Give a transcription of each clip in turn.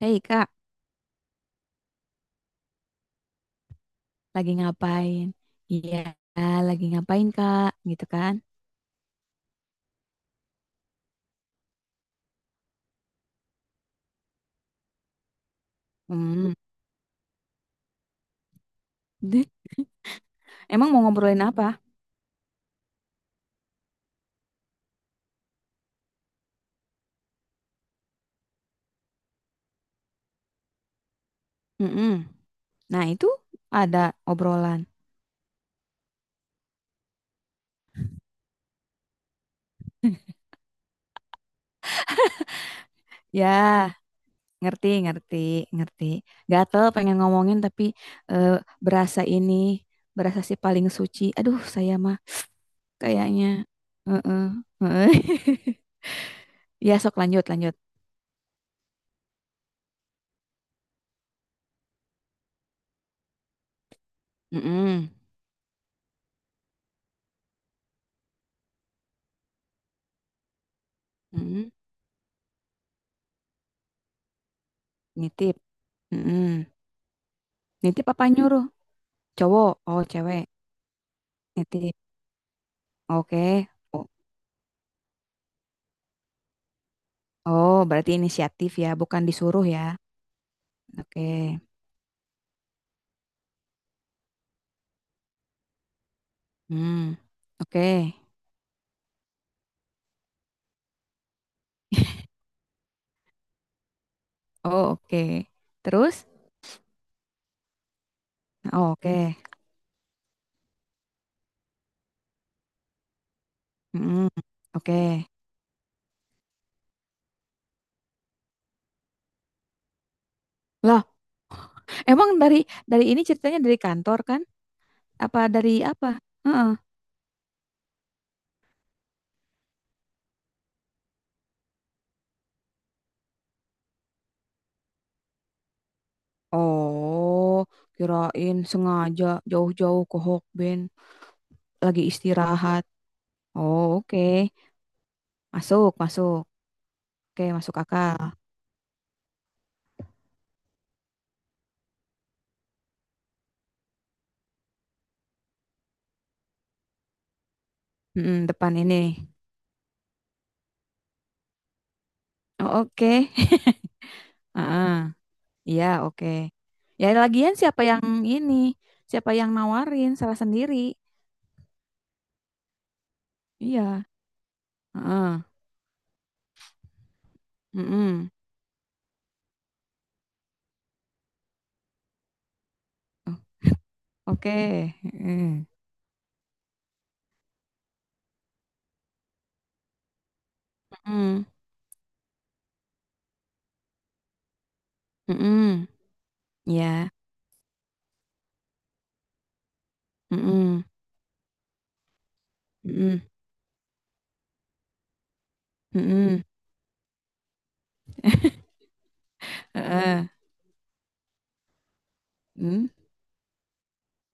Hei kak, lagi ngapain? Iya, lagi ngapain kak? Gitu kan? Hmm. Deh, emang mau ngobrolin apa? Mm-mm. Nah itu ada obrolan. Ya, ngerti, ngerti, ngerti. Gatel pengen ngomongin tapi eh, berasa ini, berasa si paling suci. Aduh, saya mah kayaknya. Heeh, heeh. Ya, sok lanjut, lanjut. Mm-mm, mm-mm. Nitip. Mm-mm. Nitip apa nyuruh? Cowok, oh cewek. Nitip. Oke. Oh, oh, berarti inisiatif ya, bukan disuruh ya. Oke. Hmm. Oke. Oh, oke. Terus? Oh, oke. Hmm. Oke. Loh, emang dari ini ceritanya dari kantor kan? Apa dari apa? Heeh. Oh, kirain sengaja jauh-jauh ke Hokben lagi istirahat. Oh, oke. Masuk, masuk. Oke, masuk akal. Mm-mm, depan ini. Oh, oke. Heeh. Iya, oke. Ya lagian siapa yang ini? Siapa yang nawarin salah sendiri? Iya. Heeh. Mm-mm. Oke. Heeh. Mm-mm. Mm-mm. Ya. Mm-mm. Mm-mm. Mm-mm. Heeh. Mm.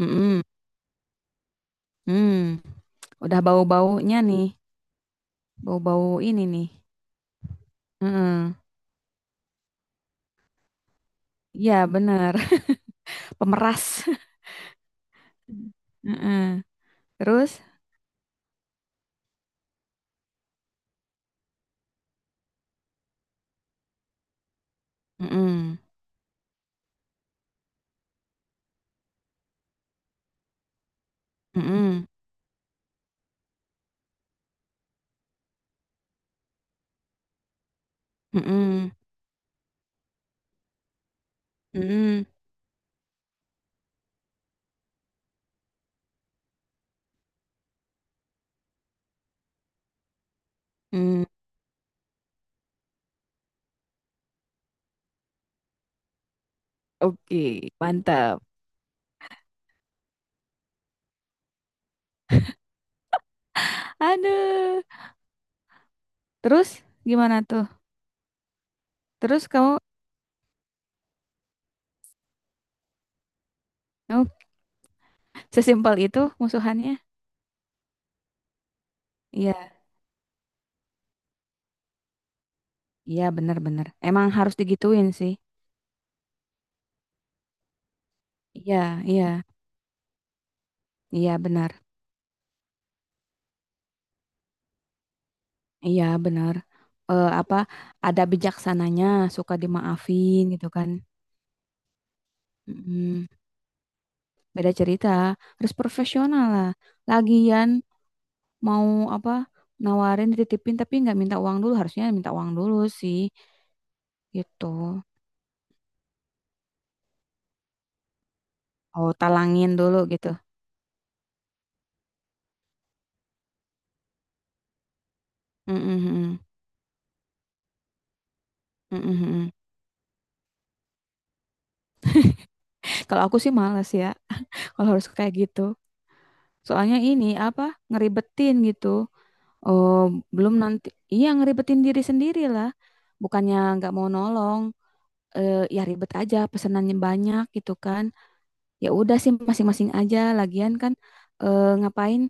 Mm-mm. Mm. Udah bau-baunya nih. Bau-bau ini nih. Heeh. Iya, bener. Pemeras. Heeh. Terus? Mm-mm. Mm-mm. Mm-mm. Mm-mm. Mm. Oke, mantap. Aduh. Terus gimana tuh? Terus kamu, kamu sesimpel itu musuhannya? Iya, iya benar-benar. Emang harus digituin sih. Iya, iya, iya benar. Iya benar. Apa ada bijaksananya, suka dimaafin gitu kan? Mm, beda cerita. Harus profesional lah. Lagian mau apa? Nawarin dititipin tapi nggak minta uang dulu. Harusnya minta uang dulu sih. Gitu. Oh, talangin dulu gitu. Mhm mhm. Mhm mhm. Kalau aku sih males ya, kalau harus kayak gitu. Soalnya ini apa, ngeribetin gitu. Oh, belum nanti, iya ngeribetin diri sendiri lah. Bukannya nggak mau nolong, ya ribet aja, pesenannya banyak gitu kan. Ya udah sih masing-masing aja. Lagian kan ngapain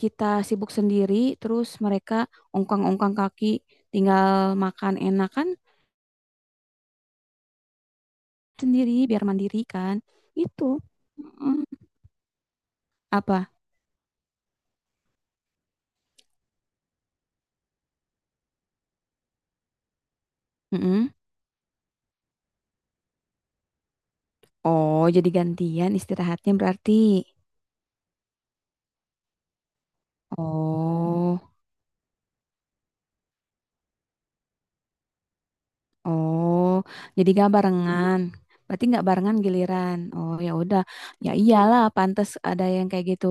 kita sibuk sendiri, terus mereka ongkang-ongkang kaki, tinggal makan enak kan sendiri biar mandiri kan. Itu. Mm, apa? Mm-mm. Oh, jadi gantian istirahatnya berarti. Oh, oh, jadi gak barengan. Berarti nggak barengan giliran. Oh, ya udah. Ya iyalah, pantas ada yang kayak gitu.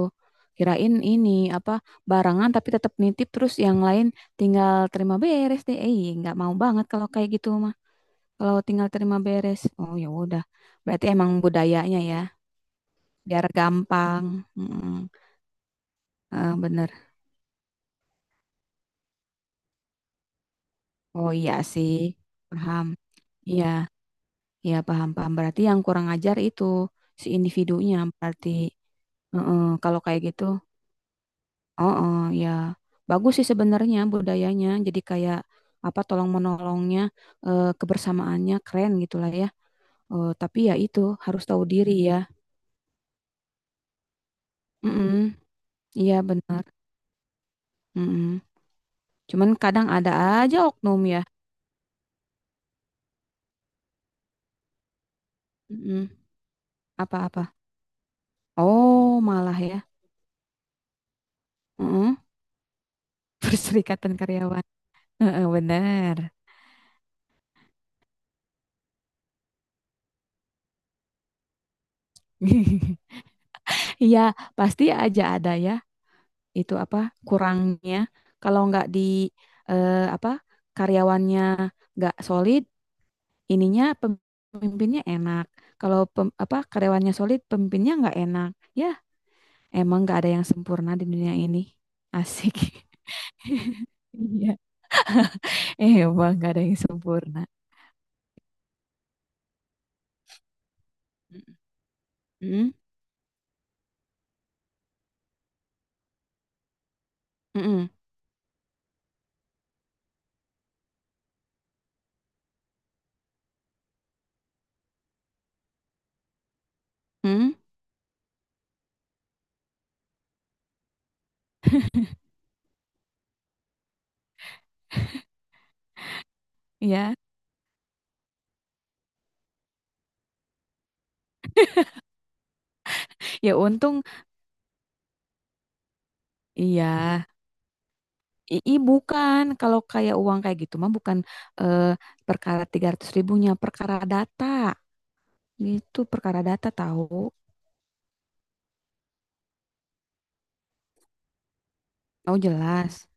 Kirain ini apa barengan tapi tetap nitip terus yang lain tinggal terima beres deh. Eh, iya, nggak mau banget kalau kayak gitu mah. Kalau tinggal terima beres. Oh, ya udah. Berarti emang budayanya ya, biar gampang. Mm-mm. Eh, bener. Oh iya sih, paham. Iya, ya paham-paham. Berarti yang kurang ajar itu si individunya. Berarti heeh, kalau kayak gitu, oh oh, ya bagus sih sebenarnya budayanya. Jadi kayak apa tolong menolongnya, kebersamaannya keren gitulah ya. Eh, tapi ya itu harus tahu diri ya. Mm-mm, iya benar. Mm-mm. Cuman kadang ada aja oknum ya. Mm-mm. Apa-apa? Oh malah ya. Mm-mm. Perserikatan karyawan. Heeh, benar. Iya, pasti aja ada ya itu apa kurangnya. Kalau nggak di apa karyawannya nggak solid, ininya pemimpinnya enak. Kalau pem- apa karyawannya solid, pemimpinnya nggak enak. Ya, emang nggak ada yang sempurna di dunia ini. Asik. Iya, emang nggak ada yang sempurna. Mm, mm, mm, mm, iya, ya untung iya. Bukan kalau kayak uang kayak gitu mah bukan eh, perkara 300.000-nya perkara data gitu perkara data tahu. Oh jelas.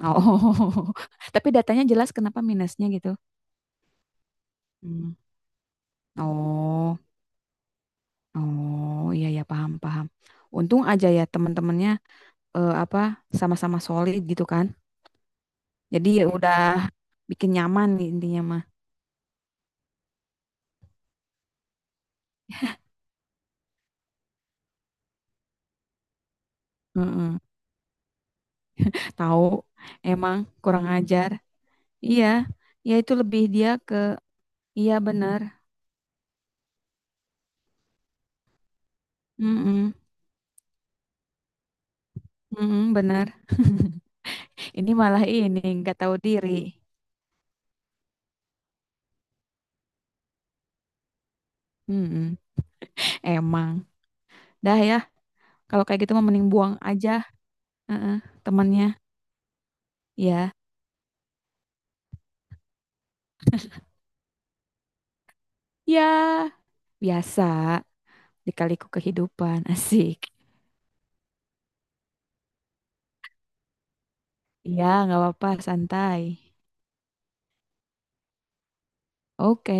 Oh, tapi datanya jelas kenapa minusnya gitu. Hmm. Oh oh iya ya paham paham. Untung aja ya teman-temannya eh, apa sama-sama solid gitu kan, jadi ya udah bikin nyaman nih intinya mah. Mm-mm. Tahu emang kurang ajar iya ya itu lebih dia ke iya benar. Mm-mm. Mm-mm, benar. Ini malah ini nggak tahu diri. Mm-mm. Emang. Dah ya, kalau kayak gitu mah mending buang aja. Heeh, temannya. Ya, ya biasa dikaliku kehidupan asik. Ya, nggak apa-apa, santai. Oke.